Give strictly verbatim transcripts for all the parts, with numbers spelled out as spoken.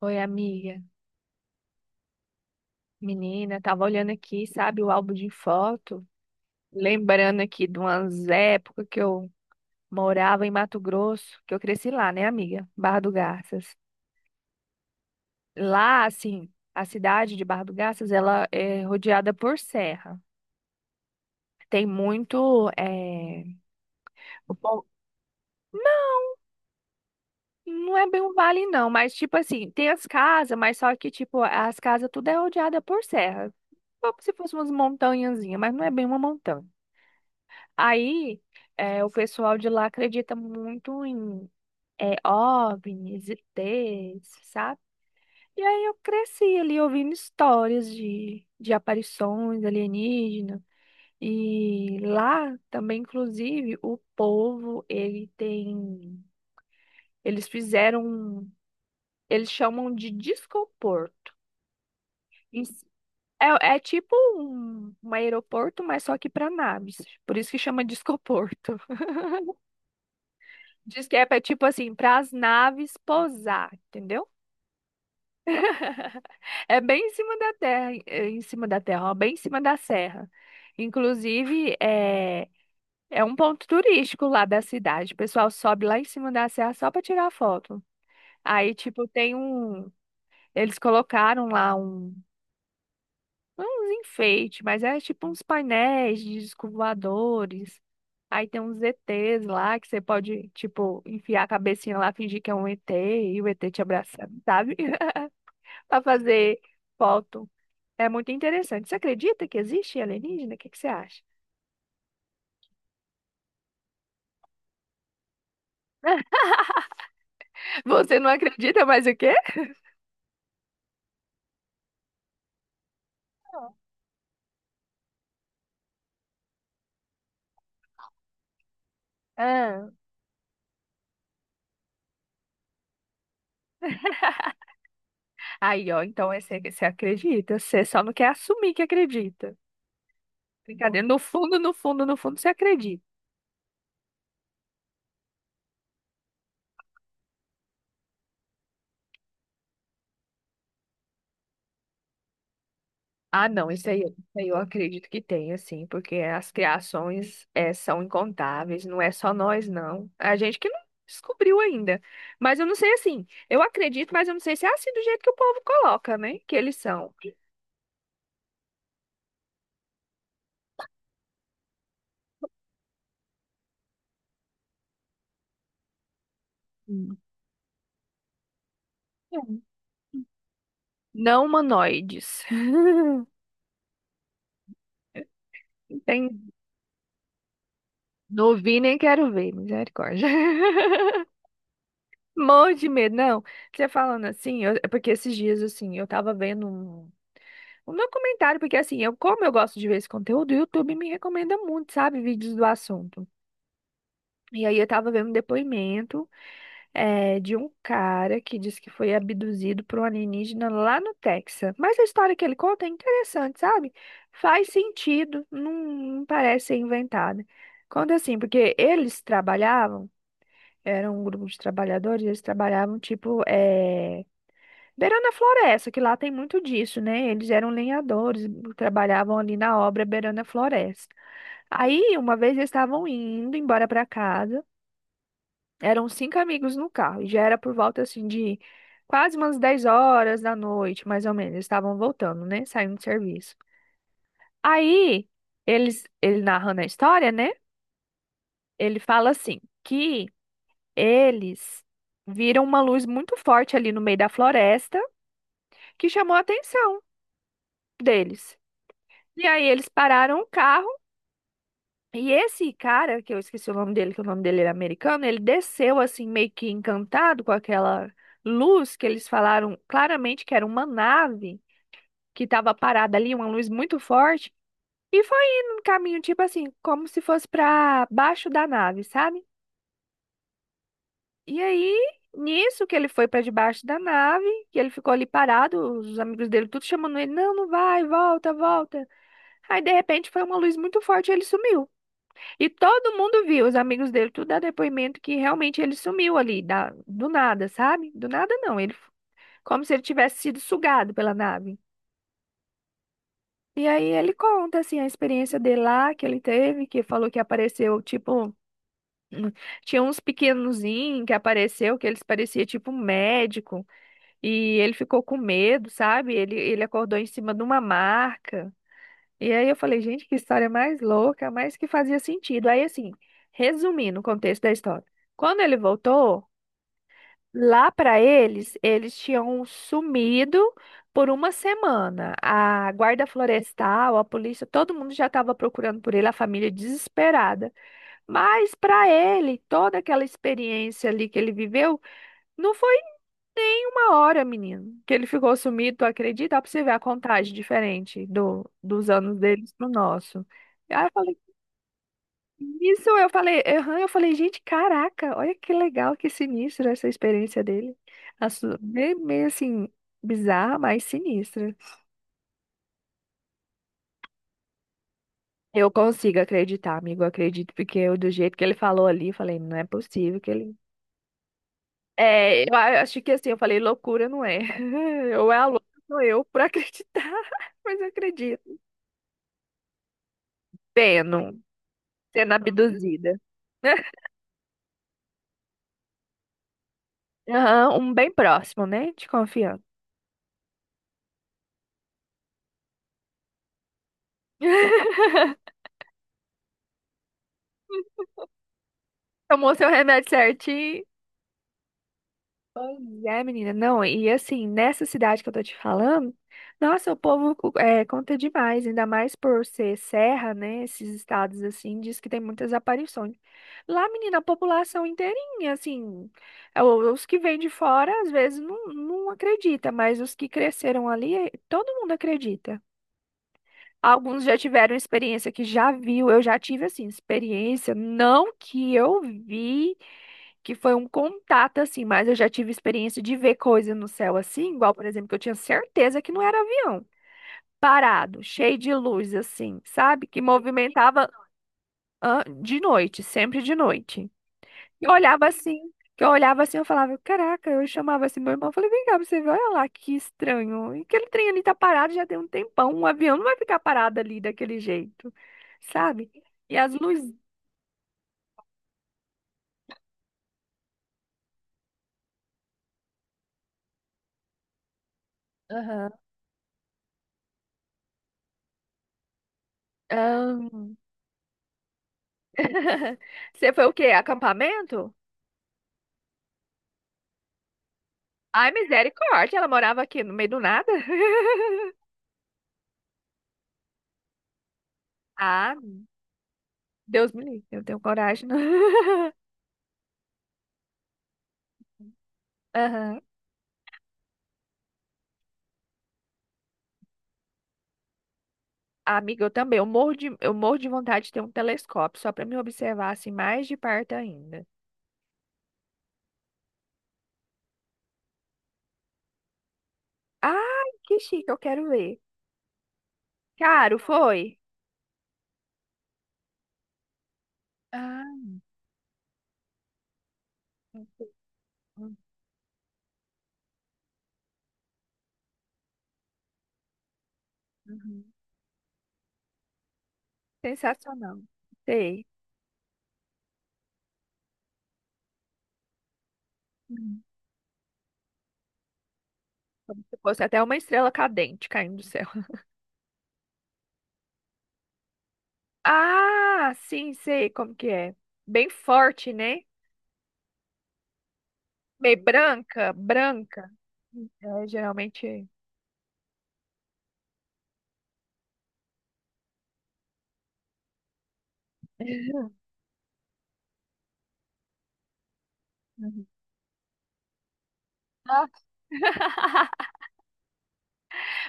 Oi, amiga. Menina, tava olhando aqui, sabe, o álbum de foto, lembrando aqui de umas épocas que eu morava em Mato Grosso, que eu cresci lá, né, amiga? Barra do Garças. Lá, assim, a cidade de Barra do Garças, ela é rodeada por serra. Tem muito, é, o po- não é bem um vale, não, mas tipo assim, tem as casas, mas só que, tipo, as casas tudo é rodeada por serra. Como se fosse umas montanhazinhas, mas não é bem uma montanha. Aí, é, o pessoal de lá acredita muito em é, OVNIs, E Tês, sabe? E aí eu cresci ali ouvindo histórias de, de aparições alienígenas. E lá também, inclusive, o povo, ele tem... Eles fizeram... um- Eles chamam de discoporto. Isso é, é tipo um, um aeroporto, mas só que para naves. Por isso que chama discoporto. Disquepa é tipo assim, para as naves pousar, entendeu? É bem em cima da terra, é em cima da terra, ó, bem em cima da serra. Inclusive, é, é um ponto turístico lá da cidade. O pessoal sobe lá em cima da serra só para tirar foto. Aí, tipo, tem um. Eles colocaram lá um, uns enfeites, mas é tipo uns painéis de discos voadores. Aí tem uns E Tês lá que você pode, tipo, enfiar a cabecinha lá, fingir que é um E T e o E T te abraçando, sabe? Para fazer foto. É muito interessante. Você acredita que existe alienígena? O que que você acha? Você não acredita mais o quê? Ah. Aí, ó, então é você, você acredita, você só não quer assumir que acredita. Brincadeira, no fundo, no fundo, no fundo, você acredita. Ah, não, isso aí, isso aí eu acredito que tem, assim, porque as criações é, são incontáveis, não é só nós, não. A gente que não descobriu ainda. Mas eu não sei, assim, eu acredito, mas eu não sei se é assim do jeito que o povo coloca, né? Que eles são. Não humanoides. Tem... Não vi nem quero ver, misericórdia. Morro de medo. Não, você falando assim, eu- é porque esses dias, assim, eu tava vendo um, um documentário, porque assim, eu, como eu gosto de ver esse conteúdo, o YouTube me recomenda muito, sabe, vídeos do assunto. E aí eu tava vendo um depoimento. É, de um cara que diz que foi abduzido por um alienígena lá no Texas. Mas a história que ele conta é interessante, sabe? Faz sentido, não, não parece ser inventada. Conta assim, porque eles trabalhavam, era um grupo de trabalhadores, eles trabalhavam tipo, é, beirando a floresta, que lá tem muito disso, né? Eles eram lenhadores, trabalhavam ali na obra beirando a floresta. Aí, uma vez eles estavam indo embora para casa. Eram cinco amigos no carro e já era por volta assim de quase umas dez horas da noite, mais ou menos. Eles estavam voltando, né? Saindo do serviço. Aí, eles, ele narrando a história, né? Ele fala assim, que eles viram uma luz muito forte ali no meio da floresta que chamou a atenção deles. E aí eles pararam o carro. E esse cara, que eu esqueci o nome dele, que o nome dele era americano, ele desceu assim meio que encantado com aquela luz que eles falaram claramente que era uma nave que estava parada ali, uma luz muito forte, e foi indo no caminho tipo assim, como se fosse para baixo da nave, sabe? E aí, nisso que ele foi para debaixo da nave, que ele ficou ali parado, os amigos dele tudo chamando ele, não, não vai, volta, volta. Aí de repente foi uma luz muito forte e ele sumiu. E todo mundo viu, os amigos dele, tudo dá depoimento que realmente ele sumiu ali, da, do nada, sabe? Do nada não, ele, como se ele tivesse sido sugado pela nave. E aí ele conta, assim, a experiência dele lá, que ele teve, que falou que apareceu, tipo, hum, tinha uns pequenozinhos que apareceu, que eles pareciam, tipo, um médico, e ele ficou com medo, sabe? Ele, ele acordou em cima de uma marca. E aí eu falei, gente, que história mais louca, mas que fazia sentido. Aí, assim, resumindo o contexto da história. Quando ele voltou, lá para eles, eles tinham sumido por uma semana. A guarda florestal, a polícia, todo mundo já estava procurando por ele, a família desesperada. Mas para ele, toda aquela experiência ali que ele viveu, não foi tem uma hora, menino, que ele ficou sumido, tu acredita? Ó, pra você ver a contagem diferente do, dos anos deles pro nosso. Aí eu falei, isso, eu falei, aham, eu falei, gente, caraca, olha que legal, que sinistro essa experiência dele. A su- Meio, meio assim, bizarra, mas sinistra. Eu consigo acreditar, amigo, eu acredito, porque eu, do jeito que ele falou ali, eu falei, não é possível que ele. É, eu a- acho que assim, eu falei, loucura não é. Ou é a louca, sou eu, por acreditar, mas eu acredito. Pena. Sendo abduzida. Aham, um bem próximo, né? De confiança. Tomou seu remédio certinho. Pois é, menina. Não, e assim, nessa cidade que eu tô te falando, nossa, o povo é, conta demais, ainda mais por ser serra, né? Esses estados assim, diz que tem muitas aparições. Lá, menina, a população inteirinha, assim, é, o- os que vêm de fora às vezes não, não acredita, mas os que cresceram ali, eh, todo mundo acredita. Alguns já tiveram experiência que já viu, eu já tive assim, experiência, não que eu vi, que foi um contato assim, mas eu já tive experiência de ver coisa no céu assim, igual, por exemplo, que eu tinha certeza que não era avião, parado, cheio de luz assim, sabe? Que movimentava. Ah, de noite, sempre de noite. Eu olhava assim, que eu olhava assim, eu falava, caraca, eu chamava assim meu irmão, eu falei, vem cá, pra você ver, olha lá que estranho. E aquele trem ali tá parado já tem um tempão, um avião não vai ficar parado ali daquele jeito, sabe? E as luzes. Aham. Ahn. Você foi o quê? Acampamento? Ai, misericórdia, ela morava aqui no meio do nada. Ah, Deus me livre, eu tenho coragem. Não. Aham. Amiga, eu também. Eu morro de, eu morro de vontade de ter um telescópio, só para me observar assim mais de perto ainda. Ai, que chique, eu quero ver. Caro, foi? Ah, uhum. Sensacional. Sei. Uhum. Como se fosse até uma estrela cadente caindo do céu. Ah, sim, sei como que é. Bem forte, né? Meio branca, branca. É, geralmente. Uhum. Ah.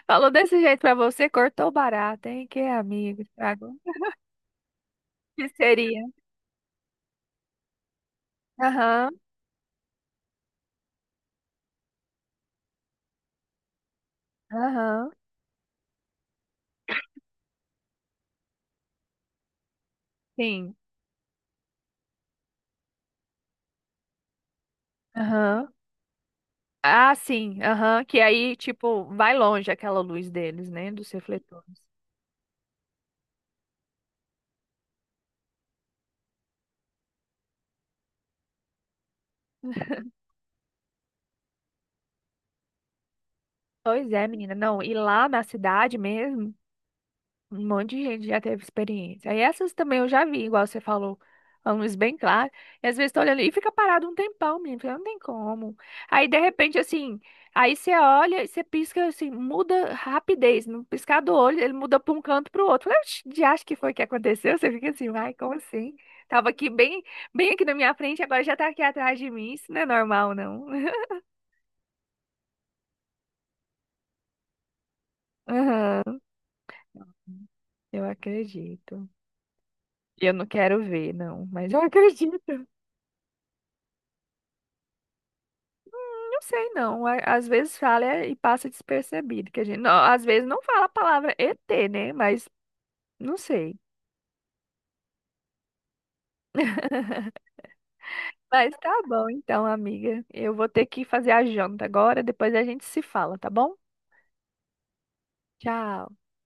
Falou desse jeito pra você, cortou barato, hein? Que amigo, estragou. Seria. Aham, aham, sim. Aham. Ah, sim, aham. Que aí, tipo, vai longe aquela luz deles, né? Dos refletores. Pois é, menina. Não, e lá na cidade mesmo. Um monte de gente já teve experiência. Aí essas também eu já vi, igual você falou, a luz bem clara. E às vezes tá olhando e fica parado um tempão, menino, porque não tem como. Aí de repente, assim, aí você olha e você pisca, assim, muda rapidez. No piscar do olho, ele muda para um canto para o outro. De acho que foi o que aconteceu. Você fica assim, ai, como assim? Tava aqui bem, bem aqui na minha frente, agora já tá aqui atrás de mim. Isso não é normal, não. Aham, eu acredito. Eu não quero ver, não, mas eu acredito. Não sei não. A- Às vezes fala é, e passa despercebido, que a gente, não, às vezes não fala a palavra E T, né? Mas não sei. Mas tá bom então, amiga. Eu vou ter que fazer a janta agora, depois a gente se fala, tá bom? Tchau.